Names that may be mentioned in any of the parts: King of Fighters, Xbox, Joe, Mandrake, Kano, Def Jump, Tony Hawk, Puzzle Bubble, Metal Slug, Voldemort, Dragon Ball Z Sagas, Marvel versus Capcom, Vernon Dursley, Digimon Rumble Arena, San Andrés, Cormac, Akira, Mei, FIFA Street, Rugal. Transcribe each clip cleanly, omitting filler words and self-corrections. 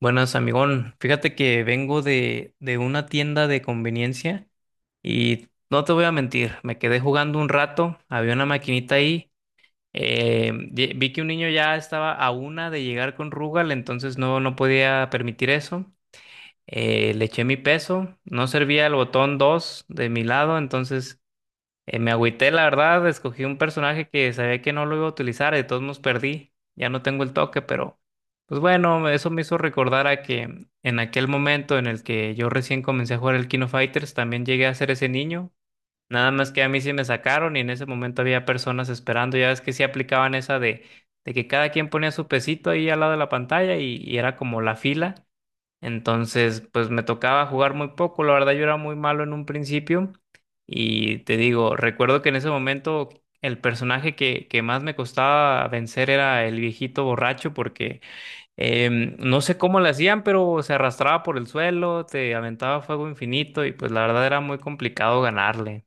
Buenas, amigón. Fíjate que vengo de una tienda de conveniencia y no te voy a mentir, me quedé jugando un rato, había una maquinita ahí, vi que un niño ya estaba a una de llegar con Rugal, entonces no, no podía permitir eso. Le eché mi peso, no servía el botón 2 de mi lado, entonces me agüité, la verdad, escogí un personaje que sabía que no lo iba a utilizar, de todos modos perdí, ya no tengo el toque, pero pues bueno, eso me hizo recordar a que en aquel momento en el que yo recién comencé a jugar el King of Fighters, también llegué a ser ese niño, nada más que a mí sí me sacaron y en ese momento había personas esperando, ya ves que sí aplicaban esa de que cada quien ponía su pesito ahí al lado de la pantalla y era como la fila. Entonces, pues me tocaba jugar muy poco, la verdad yo era muy malo en un principio y te digo, recuerdo que en ese momento el personaje que más me costaba vencer era el viejito borracho porque no sé cómo le hacían, pero se arrastraba por el suelo, te aventaba fuego infinito y pues la verdad era muy complicado ganarle.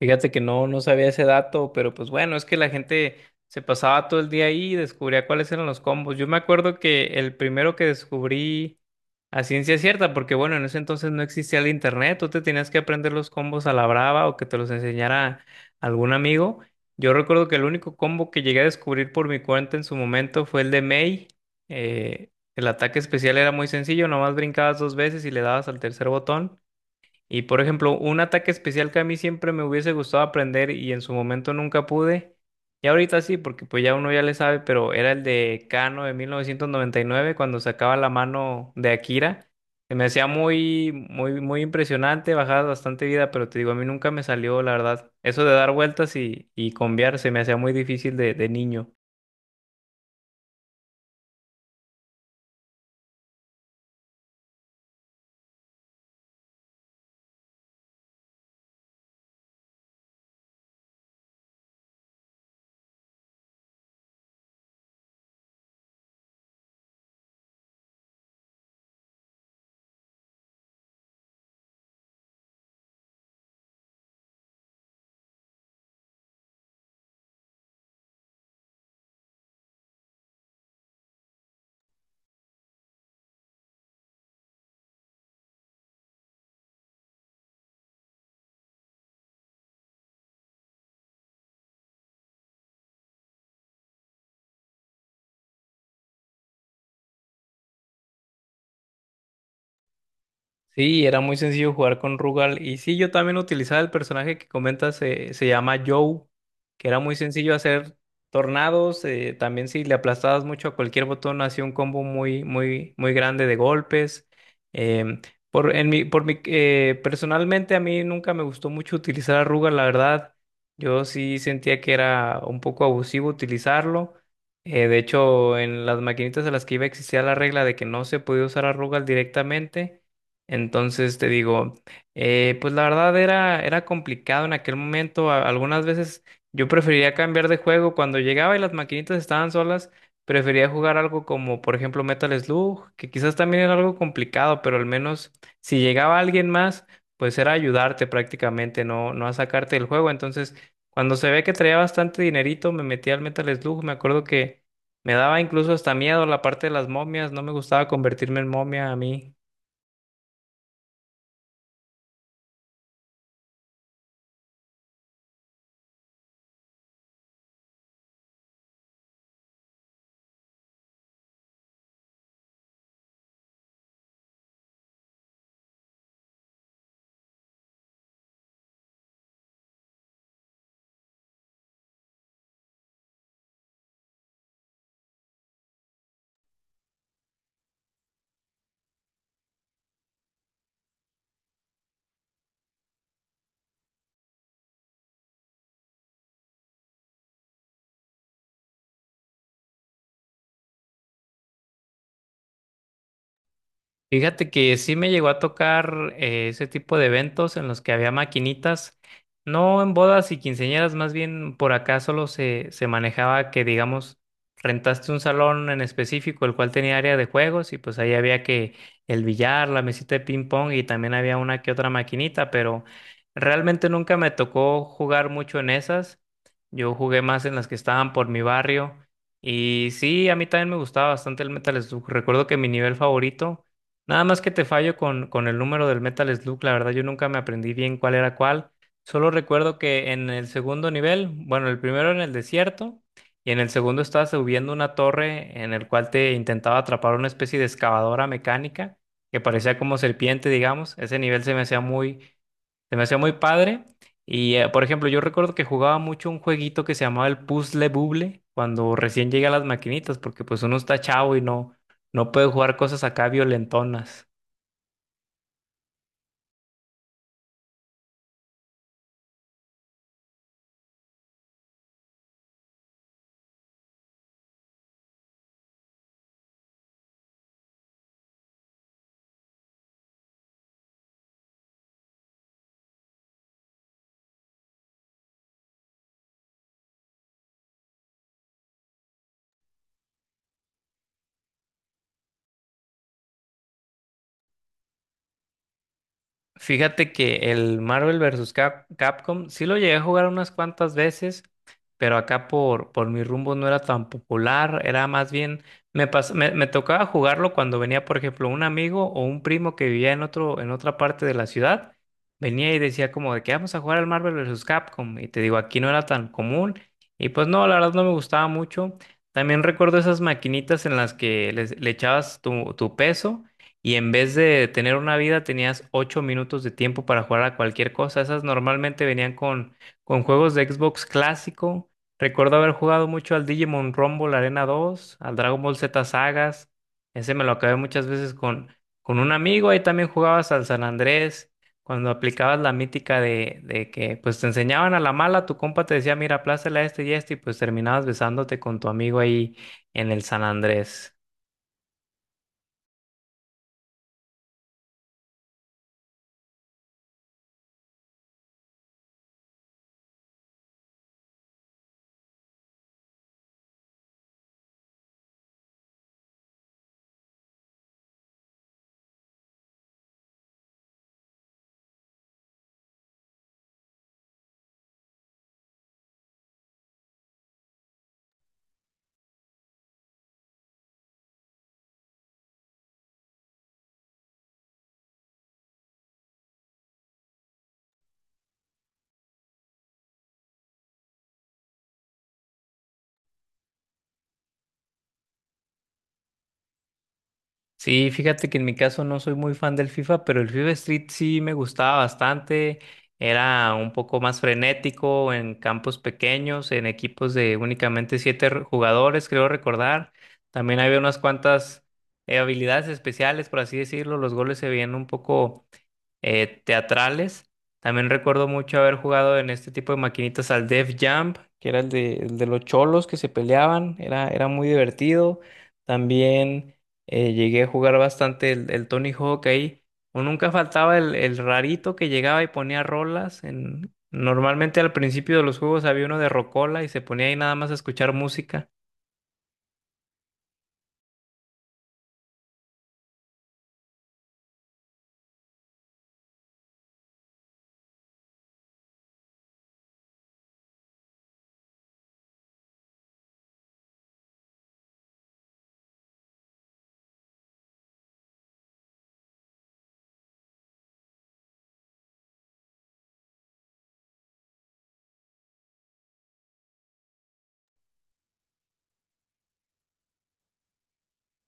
Fíjate que no, no sabía ese dato, pero pues bueno, es que la gente se pasaba todo el día ahí y descubría cuáles eran los combos. Yo me acuerdo que el primero que descubrí a ciencia cierta, porque bueno, en ese entonces no existía el internet, tú te tenías que aprender los combos a la brava o que te los enseñara algún amigo. Yo recuerdo que el único combo que llegué a descubrir por mi cuenta en su momento fue el de Mei. El ataque especial era muy sencillo, nomás brincabas dos veces y le dabas al tercer botón. Y por ejemplo, un ataque especial que a mí siempre me hubiese gustado aprender y en su momento nunca pude, y ahorita sí, porque pues ya uno ya le sabe, pero era el de Kano de 1999 cuando sacaba la mano de Akira. Se me hacía muy, muy, muy impresionante, bajaba bastante vida, pero te digo, a mí nunca me salió, la verdad. Eso de dar vueltas y combiar se me hacía muy difícil de niño. Sí, era muy sencillo jugar con Rugal. Y sí, yo también utilizaba el personaje que comentas, se llama Joe, que era muy sencillo hacer tornados. También si le aplastabas mucho a cualquier botón, hacía un combo muy, muy, muy grande de golpes. Em, por, en mi, por mi, Personalmente a mí nunca me gustó mucho utilizar a Rugal, la verdad. Yo sí sentía que era un poco abusivo utilizarlo. De hecho, en las maquinitas a las que iba existía la regla de que no se podía usar a Rugal directamente. Entonces te digo, pues la verdad era complicado en aquel momento. Algunas veces yo prefería cambiar de juego. Cuando llegaba y las maquinitas estaban solas, prefería jugar algo como, por ejemplo, Metal Slug, que quizás también era algo complicado, pero al menos si llegaba alguien más, pues era ayudarte prácticamente, no, no a sacarte del juego. Entonces, cuando se ve que traía bastante dinerito, me metía al Metal Slug. Me acuerdo que me daba incluso hasta miedo la parte de las momias. No me gustaba convertirme en momia a mí. Fíjate que sí me llegó a tocar ese tipo de eventos en los que había maquinitas, no en bodas y quinceañeras, más bien por acá solo se manejaba que, digamos, rentaste un salón en específico, el cual tenía área de juegos y pues ahí había que el billar, la mesita de ping pong y también había una que otra maquinita, pero realmente nunca me tocó jugar mucho en esas. Yo jugué más en las que estaban por mi barrio. Y sí, a mí también me gustaba bastante el Metal Slug. Recuerdo que mi nivel favorito nada más que te fallo con el número del Metal Slug, la verdad yo nunca me aprendí bien cuál era cuál. Solo recuerdo que en el segundo nivel, bueno, el primero en el desierto y en el segundo estabas subiendo una torre en el cual te intentaba atrapar una especie de excavadora mecánica que parecía como serpiente, digamos. Ese nivel se me hacía muy padre. Y, por ejemplo, yo recuerdo que jugaba mucho un jueguito que se llamaba el Puzzle Bubble cuando recién llegué a las maquinitas, porque pues uno está chavo y no puede jugar cosas acá violentonas. Fíjate que el Marvel versus Capcom sí lo llegué a jugar unas cuantas veces, pero acá por mi rumbo no era tan popular, era más bien, me tocaba jugarlo cuando venía, por ejemplo, un amigo o un primo que vivía en en otra parte de la ciudad, venía y decía como de que vamos a jugar al Marvel versus Capcom, y te digo, aquí no era tan común, y pues no, la verdad no me gustaba mucho. También recuerdo esas maquinitas en las que le echabas tu peso y en vez de tener una vida tenías 8 minutos de tiempo para jugar a cualquier cosa. Esas normalmente venían con juegos de Xbox clásico. Recuerdo haber jugado mucho al Digimon Rumble Arena 2 al Dragon Ball Z Sagas. Ese me lo acabé muchas veces con un amigo. Ahí también jugabas al San Andrés. Cuando aplicabas la mítica de que pues te enseñaban a la mala, tu compa te decía, mira, aplástale a este, y pues terminabas besándote con tu amigo ahí en el San Andrés. Sí, fíjate que en mi caso no soy muy fan del FIFA, pero el FIFA Street sí me gustaba bastante. Era un poco más frenético en campos pequeños, en equipos de únicamente siete jugadores, creo recordar. También había unas cuantas habilidades especiales, por así decirlo. Los goles se veían un poco teatrales. También recuerdo mucho haber jugado en este tipo de maquinitas al Def Jump, que era el de los cholos que se peleaban, era muy divertido. También llegué a jugar bastante el Tony Hawk ahí. O nunca faltaba el rarito que llegaba y ponía rolas. Normalmente al principio de los juegos había uno de rocola y se ponía ahí nada más a escuchar música.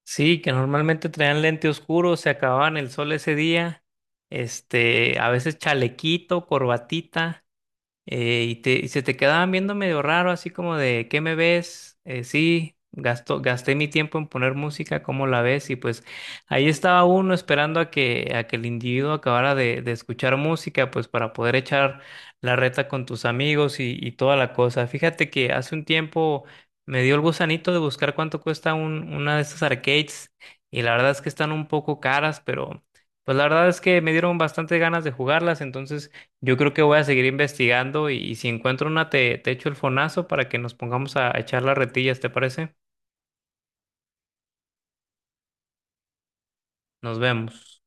Sí, que normalmente traían lente oscuro, se acababan el sol ese día, este, a veces chalequito, corbatita. Y se te quedaban viendo medio raro, así como de, ¿qué me ves? Sí, gasté mi tiempo en poner música, ¿cómo la ves? Y pues ahí estaba uno esperando a que el individuo acabara de escuchar música, pues para poder echar la reta con tus amigos y toda la cosa. Fíjate que hace un tiempo me dio el gusanito de buscar cuánto cuesta una de estas arcades y la verdad es que están un poco caras, pero pues la verdad es que me dieron bastante ganas de jugarlas, entonces... Yo creo que voy a seguir investigando y si encuentro una te echo el fonazo para que nos pongamos a echar las retillas, ¿te parece? Nos vemos.